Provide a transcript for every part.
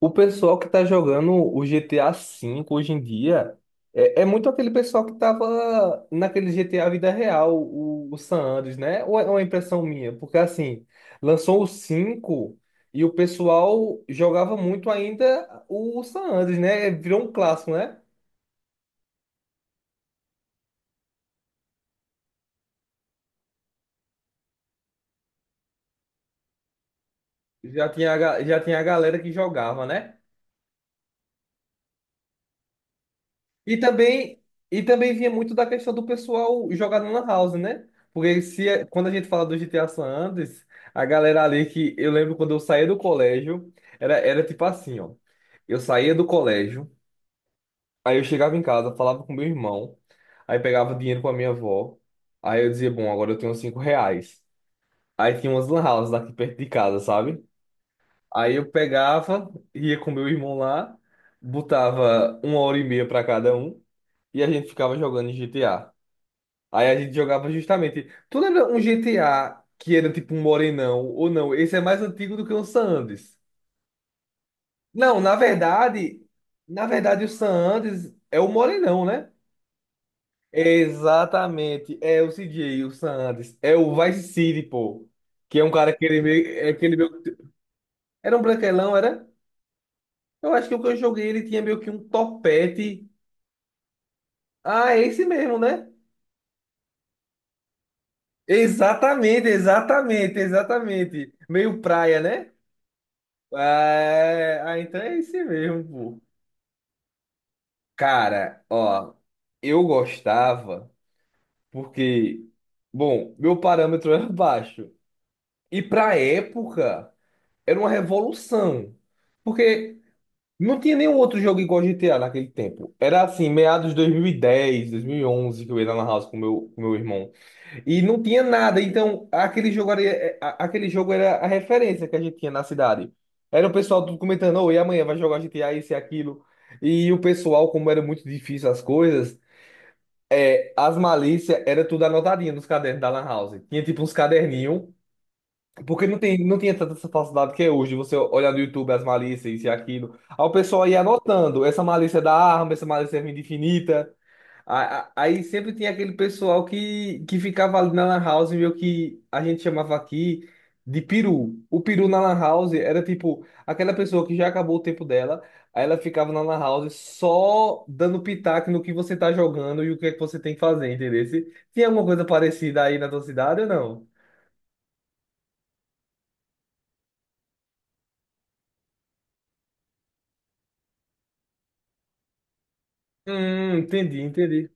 O pessoal que tá jogando o GTA V hoje em dia é muito aquele pessoal que tava naquele GTA vida real, o San Andreas, né? Ou é uma impressão minha? Porque assim, lançou o 5 e o pessoal jogava muito ainda o San Andreas, né? Virou um clássico, né? Já tinha a galera que jogava, né? E também, e também vinha muito da questão do pessoal jogar na Lan House, né? Porque se, é- Quando a gente fala do GTA San Andreas, a galera ali que eu lembro quando eu saía do colégio, era tipo assim, ó. Eu saía do colégio, aí eu chegava em casa, falava com meu irmão, aí pegava dinheiro com a minha avó, aí eu dizia, bom, agora eu tenho R$ 5. Aí tinha umas Lan Houses aqui perto de casa, sabe? Aí eu pegava, ia com meu irmão lá, botava uma hora e meia pra cada um e a gente ficava jogando em GTA. Aí a gente jogava justamente. Tu lembra um GTA que era tipo um morenão ou não? Esse é mais antigo do que o San Andreas. Não, na verdade, Na verdade o San Andreas é o morenão, né? Exatamente, é o CJ, o San Andreas, é o Vice City, pô, que é um cara que ele meio, é aquele meio, era um branquelão, era? Eu acho que o que eu joguei ele tinha meio que um topete. Ah, é esse mesmo, né? Exatamente, exatamente, exatamente. Meio praia, né? Ah, ah, então é esse mesmo, pô. Cara, ó, eu gostava porque, bom, meu parâmetro era baixo. E pra época, era uma revolução. Porque não tinha nenhum outro jogo igual GTA naquele tempo. Era assim, meados de 2010, 2011, que eu ia lá na house com meu irmão. E não tinha nada, então aquele jogo era, aquele jogo era a referência que a gente tinha na cidade. Era o pessoal tudo comentando, oh, e amanhã vai jogar G T a isso e aquilo. E o pessoal, como era muito difícil as coisas, é, as malícias era tudo anotadinho nos cadernos da Lan House. Tinha tipo uns caderninhos, porque não tem, não tinha tanta essa facilidade que é hoje, você olhar no YouTube as malícias, isso e aquilo. Aí o pessoal ia anotando, essa malícia é da arma, essa malícia é vida infinita. Aí sempre tinha aquele pessoal que ficava ali na Lan House, meio que a gente chamava aqui de peru. O peru na Lan House era tipo aquela pessoa que já acabou o tempo dela, aí ela ficava na Lan House só dando pitaco no que você tá jogando e o que é que você tem que fazer, entendeu? Tinha alguma coisa parecida aí na tua cidade ou não? Entendi, entendi.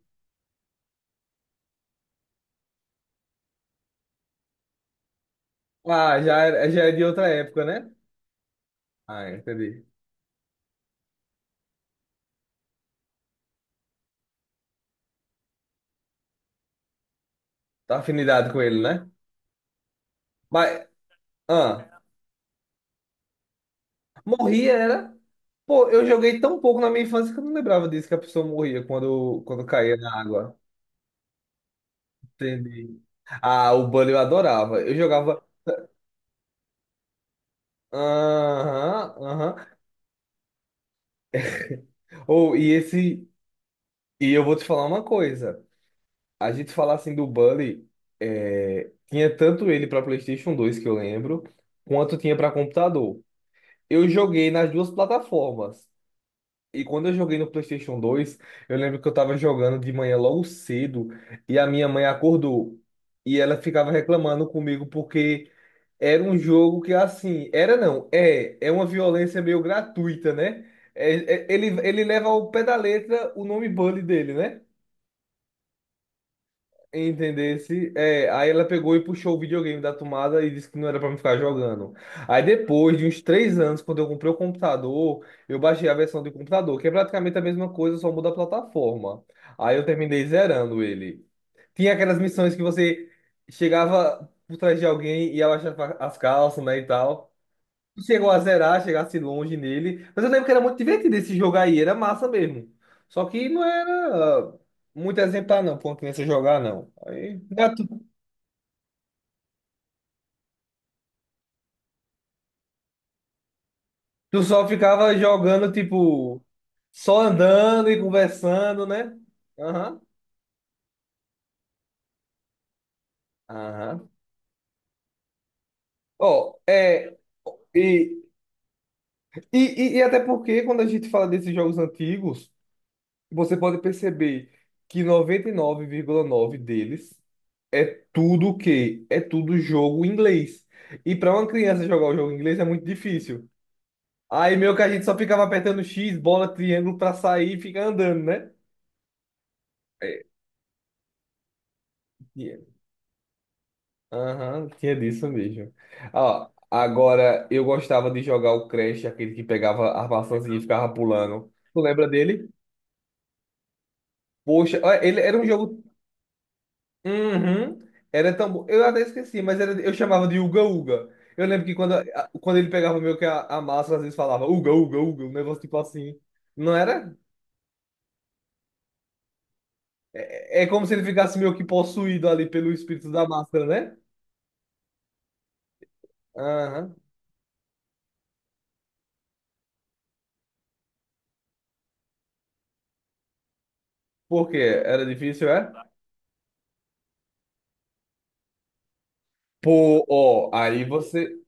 Ah, já, já é de outra época, né? Ah, entendi. Tá, afinidade com ele, né? Mas, ah. Morria, era. Pô, eu joguei tão pouco na minha infância que eu não lembrava disso, que a pessoa morria quando caía na água. Entendi. Ah, o Bully eu adorava. Eu jogava. Aham, aham. Ou, e esse. E eu vou te falar uma coisa. A gente falar assim do Bully, é, tinha tanto ele pra PlayStation 2 que eu lembro, quanto tinha pra computador. Eu joguei nas duas plataformas. E quando eu joguei no PlayStation 2, eu lembro que eu tava jogando de manhã logo cedo e a minha mãe acordou. E ela ficava reclamando comigo porque era um jogo que, assim, era não, é, é uma violência meio gratuita, né? Ele leva ao pé da letra o nome Bully dele, né? Entendesse? É, aí ela pegou e puxou o videogame da tomada e disse que não era pra me ficar jogando. Aí depois de uns 3 anos, quando eu comprei o computador, eu baixei a versão do computador, que é praticamente a mesma coisa, só muda a plataforma. Aí eu terminei zerando ele. Tinha aquelas missões que você chegava por trás de alguém e abaixava as calças, né, e tal. Chegou a zerar, chegasse longe nele. Mas eu lembro que era muito divertido esse jogo aí, era massa mesmo. Só que não era ah, muito exemplar, não, pra uma criança jogar, não. Aí, né, tu só ficava jogando, tipo, só andando e conversando, né? Aham, aham. Ó, é. E, e, e até porque quando a gente fala desses jogos antigos, você pode perceber que 99,9 deles. Tudo o quê? É tudo jogo em inglês. E para uma criança jogar o jogo em inglês é muito difícil. Aí meio que a gente só ficava apertando X, bola, triângulo para sair e ficar andando, né? É, tinha. Aham, tinha disso mesmo. Ó, agora eu gostava de jogar o Crash, aquele que pegava a maçãzinha e ficava pulando. Tu lembra dele? Poxa, ó, ele era um jogo. Uhum. Era tão bom. Eu até esqueci, mas era, eu chamava de Uga Uga. Eu lembro que quando ele pegava meio que a massa, às vezes falava Uga Uga Uga, um negócio tipo assim. Não era? É como se ele ficasse meio que possuído ali pelo espírito da máscara, né? Aham. Por quê? Era difícil, é? Pô, ó, aí você.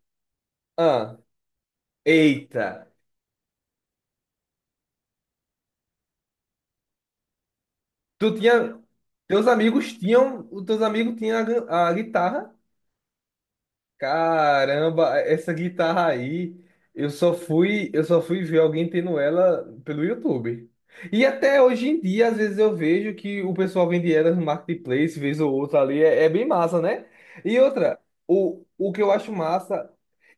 Ah, eita. Tu tinha. Teus amigos tinham. Os teus amigos tinham a, a guitarra. Caramba, essa guitarra aí, eu só fui ver alguém tendo ela pelo YouTube. E até hoje em dia, às vezes eu vejo que o pessoal vende ela no marketplace, vez ou outra ali, é, é bem massa, né? E outra, o que eu acho massa,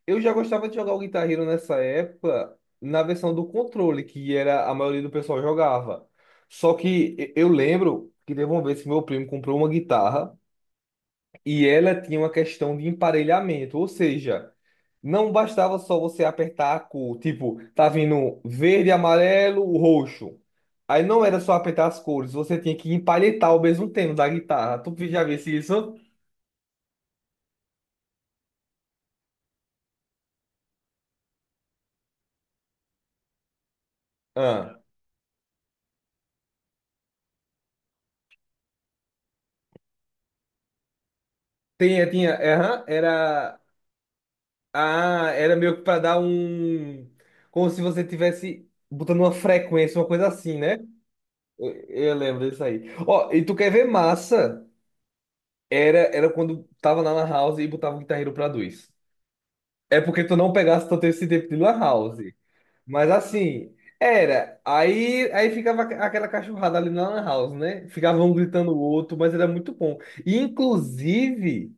eu já gostava de jogar o Guitar Hero nessa época, na versão do controle, que era a maioria do pessoal jogava. Só que eu lembro que teve uma vez que meu primo comprou uma guitarra. E ela tinha uma questão de emparelhamento, ou seja, não bastava só você apertar a cor, tipo, tá vindo verde, amarelo, roxo. Aí não era só apertar as cores, você tinha que empalhetar ao mesmo tempo da guitarra. Tu já visse isso? Ah. Tinha, tinha, é, aham, era, ah, era meio que pra dar um, como se você tivesse botando uma frequência, uma coisa assim, né? Eu lembro disso aí. Ó, e tu quer ver massa? Era quando tava na Lan House e botava o Guitar Hero pra dois. É porque tu não pegasse tanto esse tempo de Lan House. Mas assim, era. Aí ficava aquela cachorrada ali na Lan House, né? Ficava um gritando o outro, mas era muito bom. E inclusive,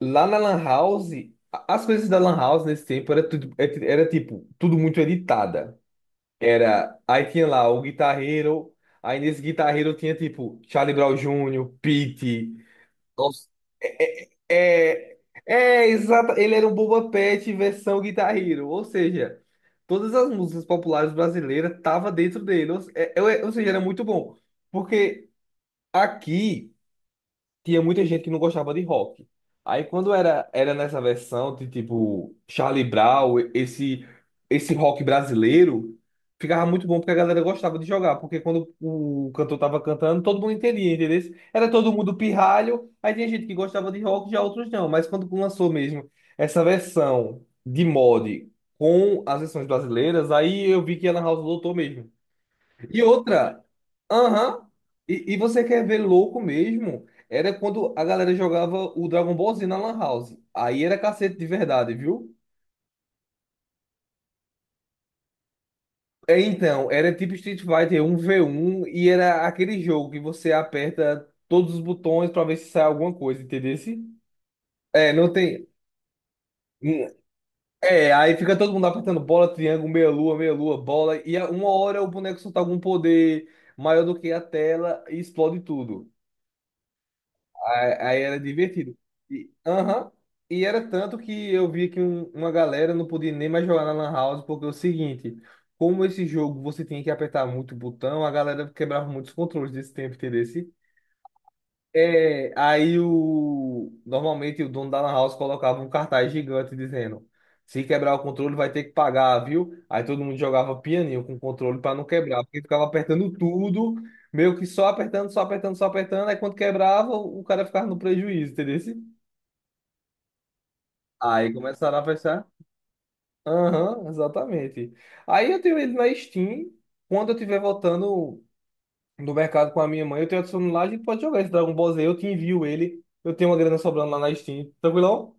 lá na Lan House, as coisas da Lan House nesse tempo era tudo, era tipo, tudo muito editada. Era, aí tinha lá o Guitar Hero, aí nesse Guitar Hero tinha tipo Charlie Brown Jr., Pete. É, é É exato. Ele era um Boba Fett versão Guitar Hero. Ou seja, todas as músicas populares brasileiras estavam dentro dele. Ou, se- é- é- Ou seja, era muito bom. Porque aqui tinha muita gente que não gostava de rock. Aí quando era nessa versão de tipo Charlie Brown, esse rock brasileiro, ficava muito bom porque a galera gostava de jogar, porque quando o cantor tava cantando, todo mundo entendia, entendeu? Era todo mundo pirralho, aí tinha gente que gostava de rock, já outros não, mas quando lançou mesmo essa versão de mod com as versões brasileiras, aí eu vi que a Lan House lotou mesmo. E outra, aham, e você quer ver louco mesmo? Era quando a galera jogava o Dragon Ball Z na Lan House. Aí era cacete de verdade, viu? É, então, era tipo Street Fighter 1v1 e era aquele jogo que você aperta todos os botões pra ver se sai alguma coisa, entendeu? É, não tem. Hum. É, aí fica todo mundo apertando bola, triângulo, meia lua, bola, uma hora o boneco solta algum poder maior do que a tela e explode tudo. Aí era divertido. E, aham, e era tanto que eu vi que uma galera não podia nem mais jogar na Lan House, porque é o seguinte, como esse jogo você tinha que apertar muito o botão, a galera quebrava muitos controles desse tempo, entendeu? É, aí o normalmente o dono da lan house colocava um cartaz gigante dizendo: se quebrar o controle vai ter que pagar, viu? Aí todo mundo jogava pianinho com o controle para não quebrar, porque ficava apertando tudo, meio que só apertando, só apertando, só apertando, aí quando quebrava, o cara ficava no prejuízo, entendeu? Aí começaram a pensar. Aham, exatamente. Aí eu tenho ele na Steam. Quando eu estiver voltando do mercado com a minha mãe. Eu tenho adicionado lá, a gente pode jogar esse Dragon Ball Z, eu te envio ele. Eu tenho uma grana sobrando lá na Steam. Tranquilão?